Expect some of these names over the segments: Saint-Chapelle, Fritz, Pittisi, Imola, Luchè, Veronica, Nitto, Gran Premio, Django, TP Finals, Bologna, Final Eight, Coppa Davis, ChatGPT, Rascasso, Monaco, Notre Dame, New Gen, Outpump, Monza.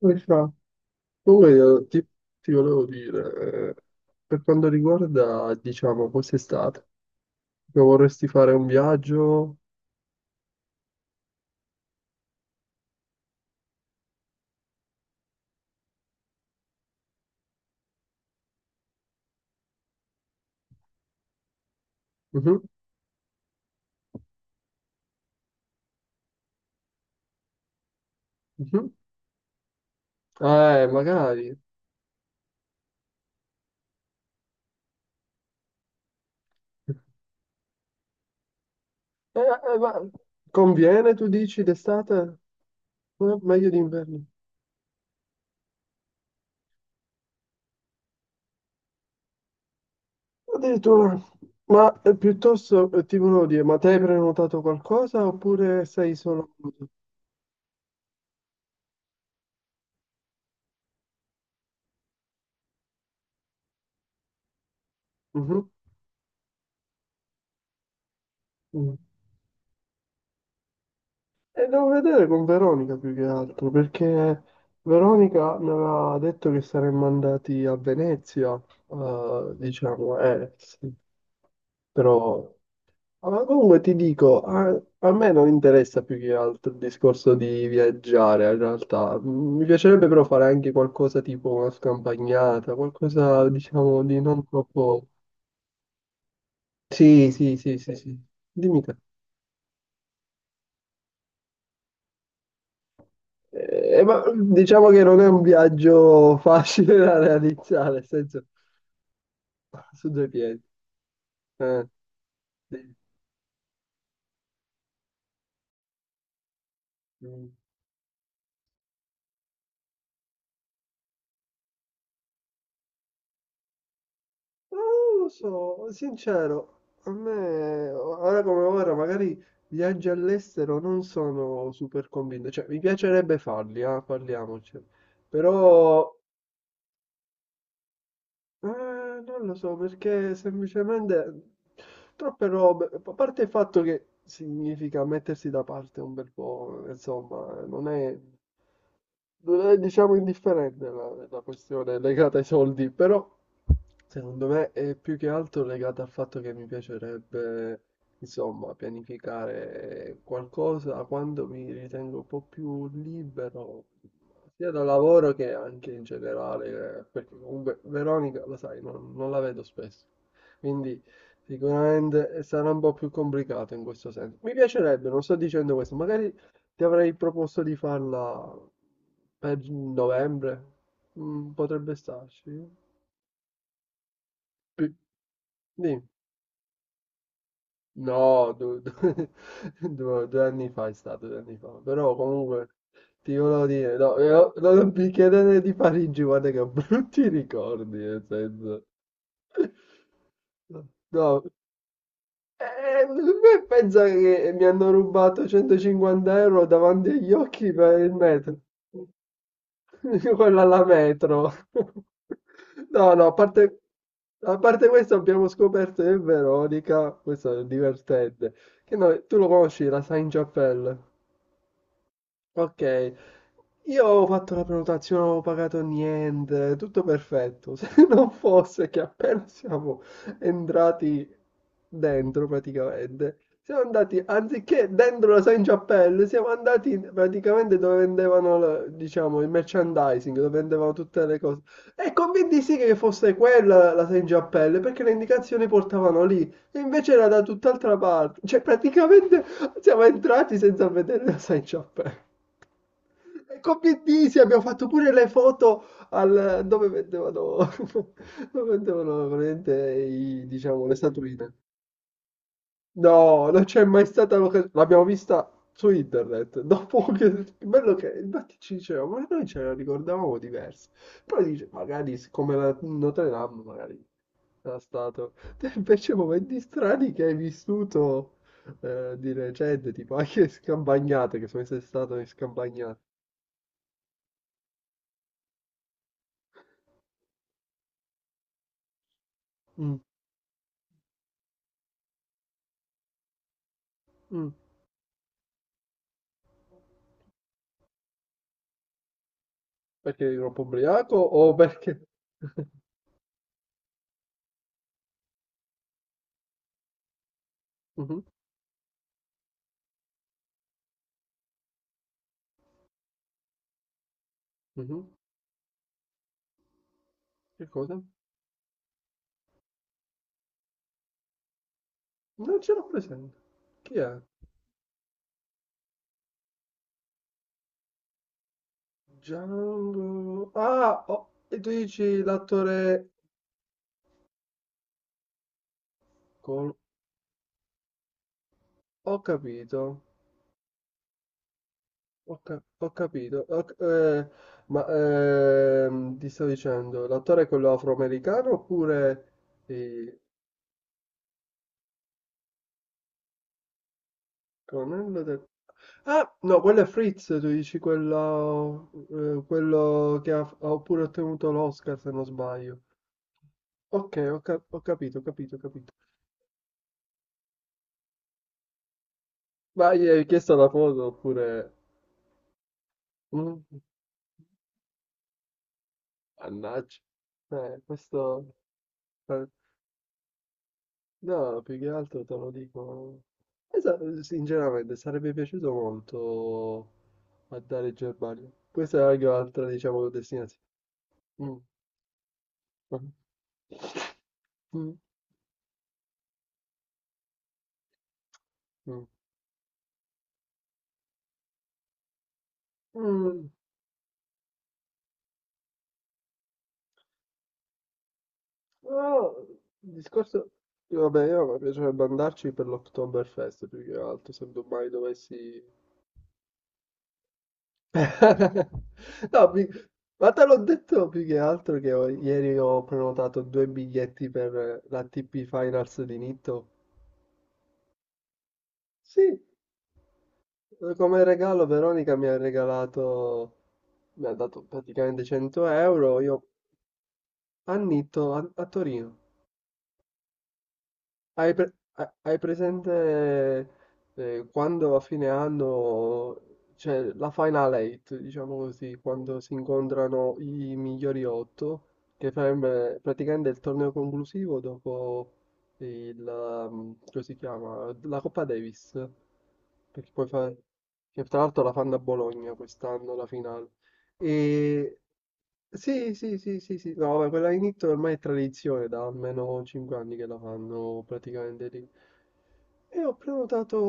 Come fa? Comunque io ti volevo dire, per quanto riguarda, diciamo, quest'estate, che vorresti fare un viaggio? Mhm, mhm. Magari. Eh, ma conviene, tu dici, d'estate? Meglio d'inverno. Addirittura, ma piuttosto ti volevo dire, ma te hai prenotato qualcosa oppure sei solo... Mhm, mhm. E devo vedere con Veronica più che altro, perché Veronica mi aveva detto che saremmo andati a Venezia, diciamo, sì. Però, ah, ma comunque ti dico, a me non interessa più che altro il discorso di viaggiare, in realtà. Mi piacerebbe però fare anche qualcosa tipo una scampagnata, qualcosa, diciamo, di non troppo... Sì, sì, sì, sì, sì. Dimmi te. Ma diciamo che non è un viaggio facile da realizzare, nel senso, su due piedi. Eh, sì. Mm. Ma non lo so, sincero, a me, ora come ora, magari viaggi all'estero non sono super convinto, cioè mi piacerebbe farli, ah, parliamoci, però Eh, non lo so perché semplicemente troppe robe, a parte il fatto che significa mettersi da parte un bel po', insomma, non è, diciamo, indifferente la questione legata ai soldi, però secondo me è più che altro legata al fatto che mi piacerebbe, insomma, pianificare qualcosa quando mi ritengo un po' più libero, sia dal lavoro che anche in generale, perché comunque Veronica, lo sai, non la vedo spesso, quindi sicuramente sarà un po' più complicato in questo senso. Mi piacerebbe, non sto dicendo questo, magari ti avrei proposto di farla per novembre. Potrebbe starci. Pi- Dimmi. No, due anni fa è stato, 2 anni fa. Però comunque ti volevo dire, no, no, non mi chiedere di Parigi, guarda che ho brutti ricordi, nel senso. No, me pensa che mi hanno rubato 150 euro davanti agli occhi per il metro. Quella alla metro. No, no, a parte questo abbiamo scoperto che Veronica, questo è divertente, che tu lo conosci, la Saint-Chapelle. Ok, io avevo fatto la prenotazione, non avevo pagato niente, tutto perfetto. Se non fosse che appena siamo entrati dentro, praticamente, siamo andati, anziché dentro la Saint Chapelle, siamo andati praticamente dove vendevano, diciamo, il merchandising, dove vendevano tutte le cose. E convinti sì che fosse quella la Saint Chapelle, perché le indicazioni portavano lì, e invece era da tutt'altra parte. Cioè, praticamente siamo entrati senza vedere la Saint Chapelle. E con Pittisi abbiamo fatto pure le foto al, dove vendevano, dove vendevano veramente diciamo, le statuine. No, non c'è mai stata l'occasione. L'abbiamo vista su internet. Dopo che bello che infatti ci diceva, ma noi ce la ricordavamo diversa. Poi dice, magari come la Notre Dame, magari era stato. Te invece momenti strani che hai vissuto di recente, tipo anche scampagnate, che sono sempre stato in scampagnate. Mm, mm. Perché eri troppo ubriaco o perché... Mhm, mhm. Che cosa? Non ce l'ho presente. Chi è? Django... Ah, oh, e tu dici l'attore con... Ho capito, ho capito. Eh, ma ti sto dicendo, l'attore è quello afroamericano oppure il colonnello del... Ah, no, quello è Fritz, tu dici quello, quello che ha pure ottenuto l'Oscar, se non sbaglio. Ok, ho capito, ho capito, ho capito. Ma gli hai chiesto la foto oppure... Mm, mannaggia. Questo... eh, No, più che altro te lo dico... Eh, sa- Sinceramente, sarebbe piaciuto molto andare in Germania. Questa è anche un'altra, diciamo, destinazione. Mm. Mm. Mm. Mm. Oh, il discorso... Vabbè, io mi piacerebbe andarci per l'Oktoberfest, più che altro, se mai dovessi. No, ma te l'ho detto più che altro che ieri ho prenotato due biglietti per la TP Finals di Nitto. Sì, come regalo Veronica mi ha regalato, mi ha dato praticamente 100 euro, io a Nitto, a Torino. Hai presente quando a fine anno c'è la Final Eight, diciamo così, quando si incontrano i migliori otto, che sarebbe praticamente il torneo conclusivo dopo il, come si chiama, la Coppa Davis, perché poi fa, che tra l'altro la fanno a Bologna quest'anno la finale. E... Sì, sì, sì, sì, sì, no, vabbè, quella in Italia ormai è tradizione, da almeno 5 anni che la fanno praticamente lì. E ho prenotato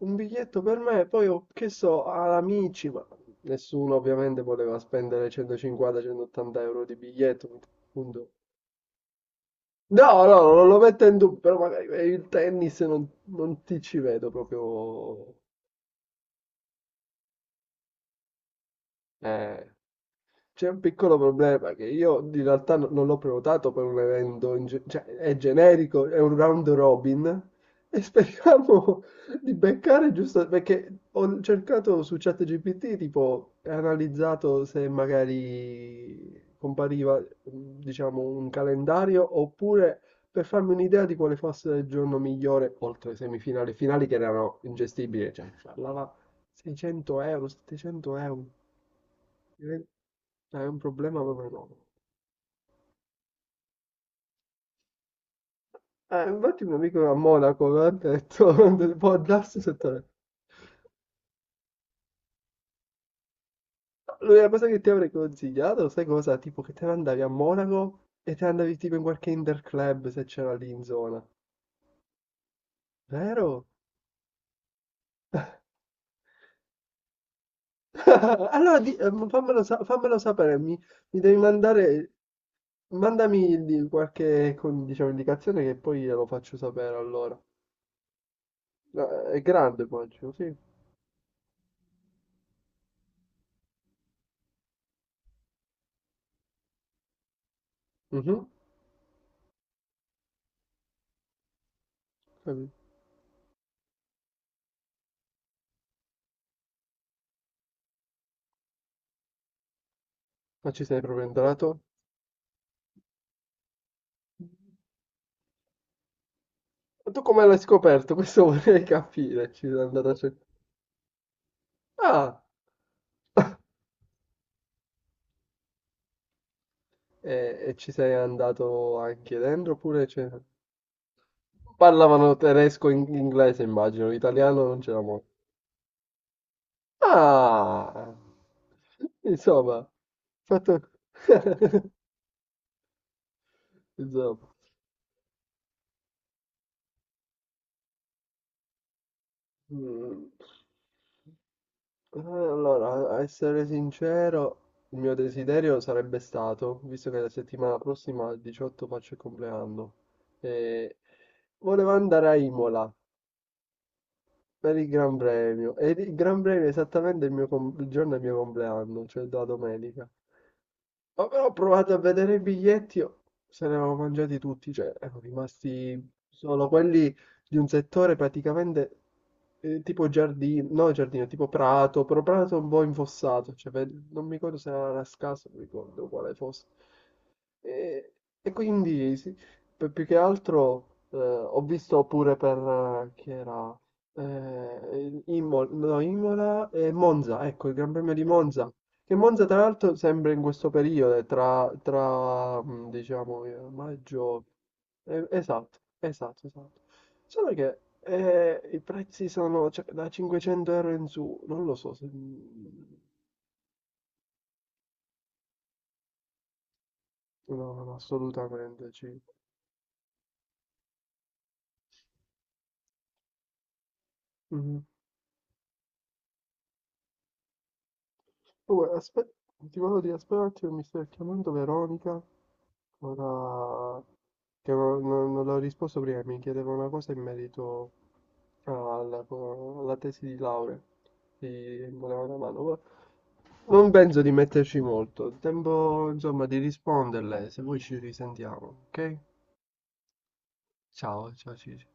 un biglietto per me, poi ho chiesto ad amici, ma nessuno ovviamente voleva spendere 150-180 euro di biglietto, appunto. No, no, no, non lo metto in dubbio, però magari per il tennis non ti ci vedo proprio. Eh. C'è un piccolo problema che io in realtà non l'ho prenotato per un evento, cioè è generico, è un round robin e speriamo di beccare giusto perché ho cercato su ChatGPT, tipo, e analizzato se magari compariva, diciamo, un calendario oppure per farmi un'idea di quale fosse il giorno migliore, oltre ai semifinali, finali che erano ingestibili, cioè parlava 600 euro, 700 euro. È un problema proprio no. Infatti un amico a Monaco mi ha detto, può darsi sotto. L'unica cosa che ti avrei consigliato, sai cosa? Tipo che te ne andavi a Monaco e te ne andavi tipo in qualche interclub se c'era lì in zona. Vero? Allora fammelo, fammelo sapere, mi devi mandami qualche diciamo, indicazione che poi glielo faccio sapere allora. È grande poi, sì. Mhm, capito. Ma ci sei proprio entrato? Ma tu come l'hai scoperto? Questo vorrei capire. Ci sei andato a cercare. Ah! E ci sei andato anche dentro oppure c'è... Parlavano tedesco e inglese, immagino, l'italiano non c'era molto. Ah! Insomma, fatto... Insomma. Mm. Allora, a essere sincero, il mio desiderio sarebbe stato, visto che la settimana prossima al 18 faccio il compleanno, eh, volevo andare a Imola per il Gran Premio, e il Gran Premio è esattamente il mio il giorno del mio compleanno, cioè la domenica. Oh, però ho provato a vedere i biglietti, oh, se ne avevo mangiati tutti, cioè erano rimasti solo quelli di un settore praticamente tipo giardino, no giardino, tipo prato, però prato un po' infossato, cioè non mi ricordo se era Rascasso, non ricordo quale fosse. E, e quindi sì, più che altro ho visto pure per chi era Imola, no, Imola e Monza, ecco il Gran Premio di Monza. Che Monza tra l'altro sembra in questo periodo, tra, diciamo maggio, esatto, esatto, esatto. Solo che i prezzi sono cioè, da 500 euro in su, non lo so se... No, no, assolutamente, sì. Mhm. Comunque, ti volevo dire, aspetta un attimo, mi sta chiamando Veronica, ora che non l'ho risposto prima, mi chiedeva una cosa in merito alla tesi di laurea, mi voleva una mano, ma non penso di metterci molto, tempo insomma di risponderle, se vuoi ci risentiamo, ok? Ciao, ciao Cici.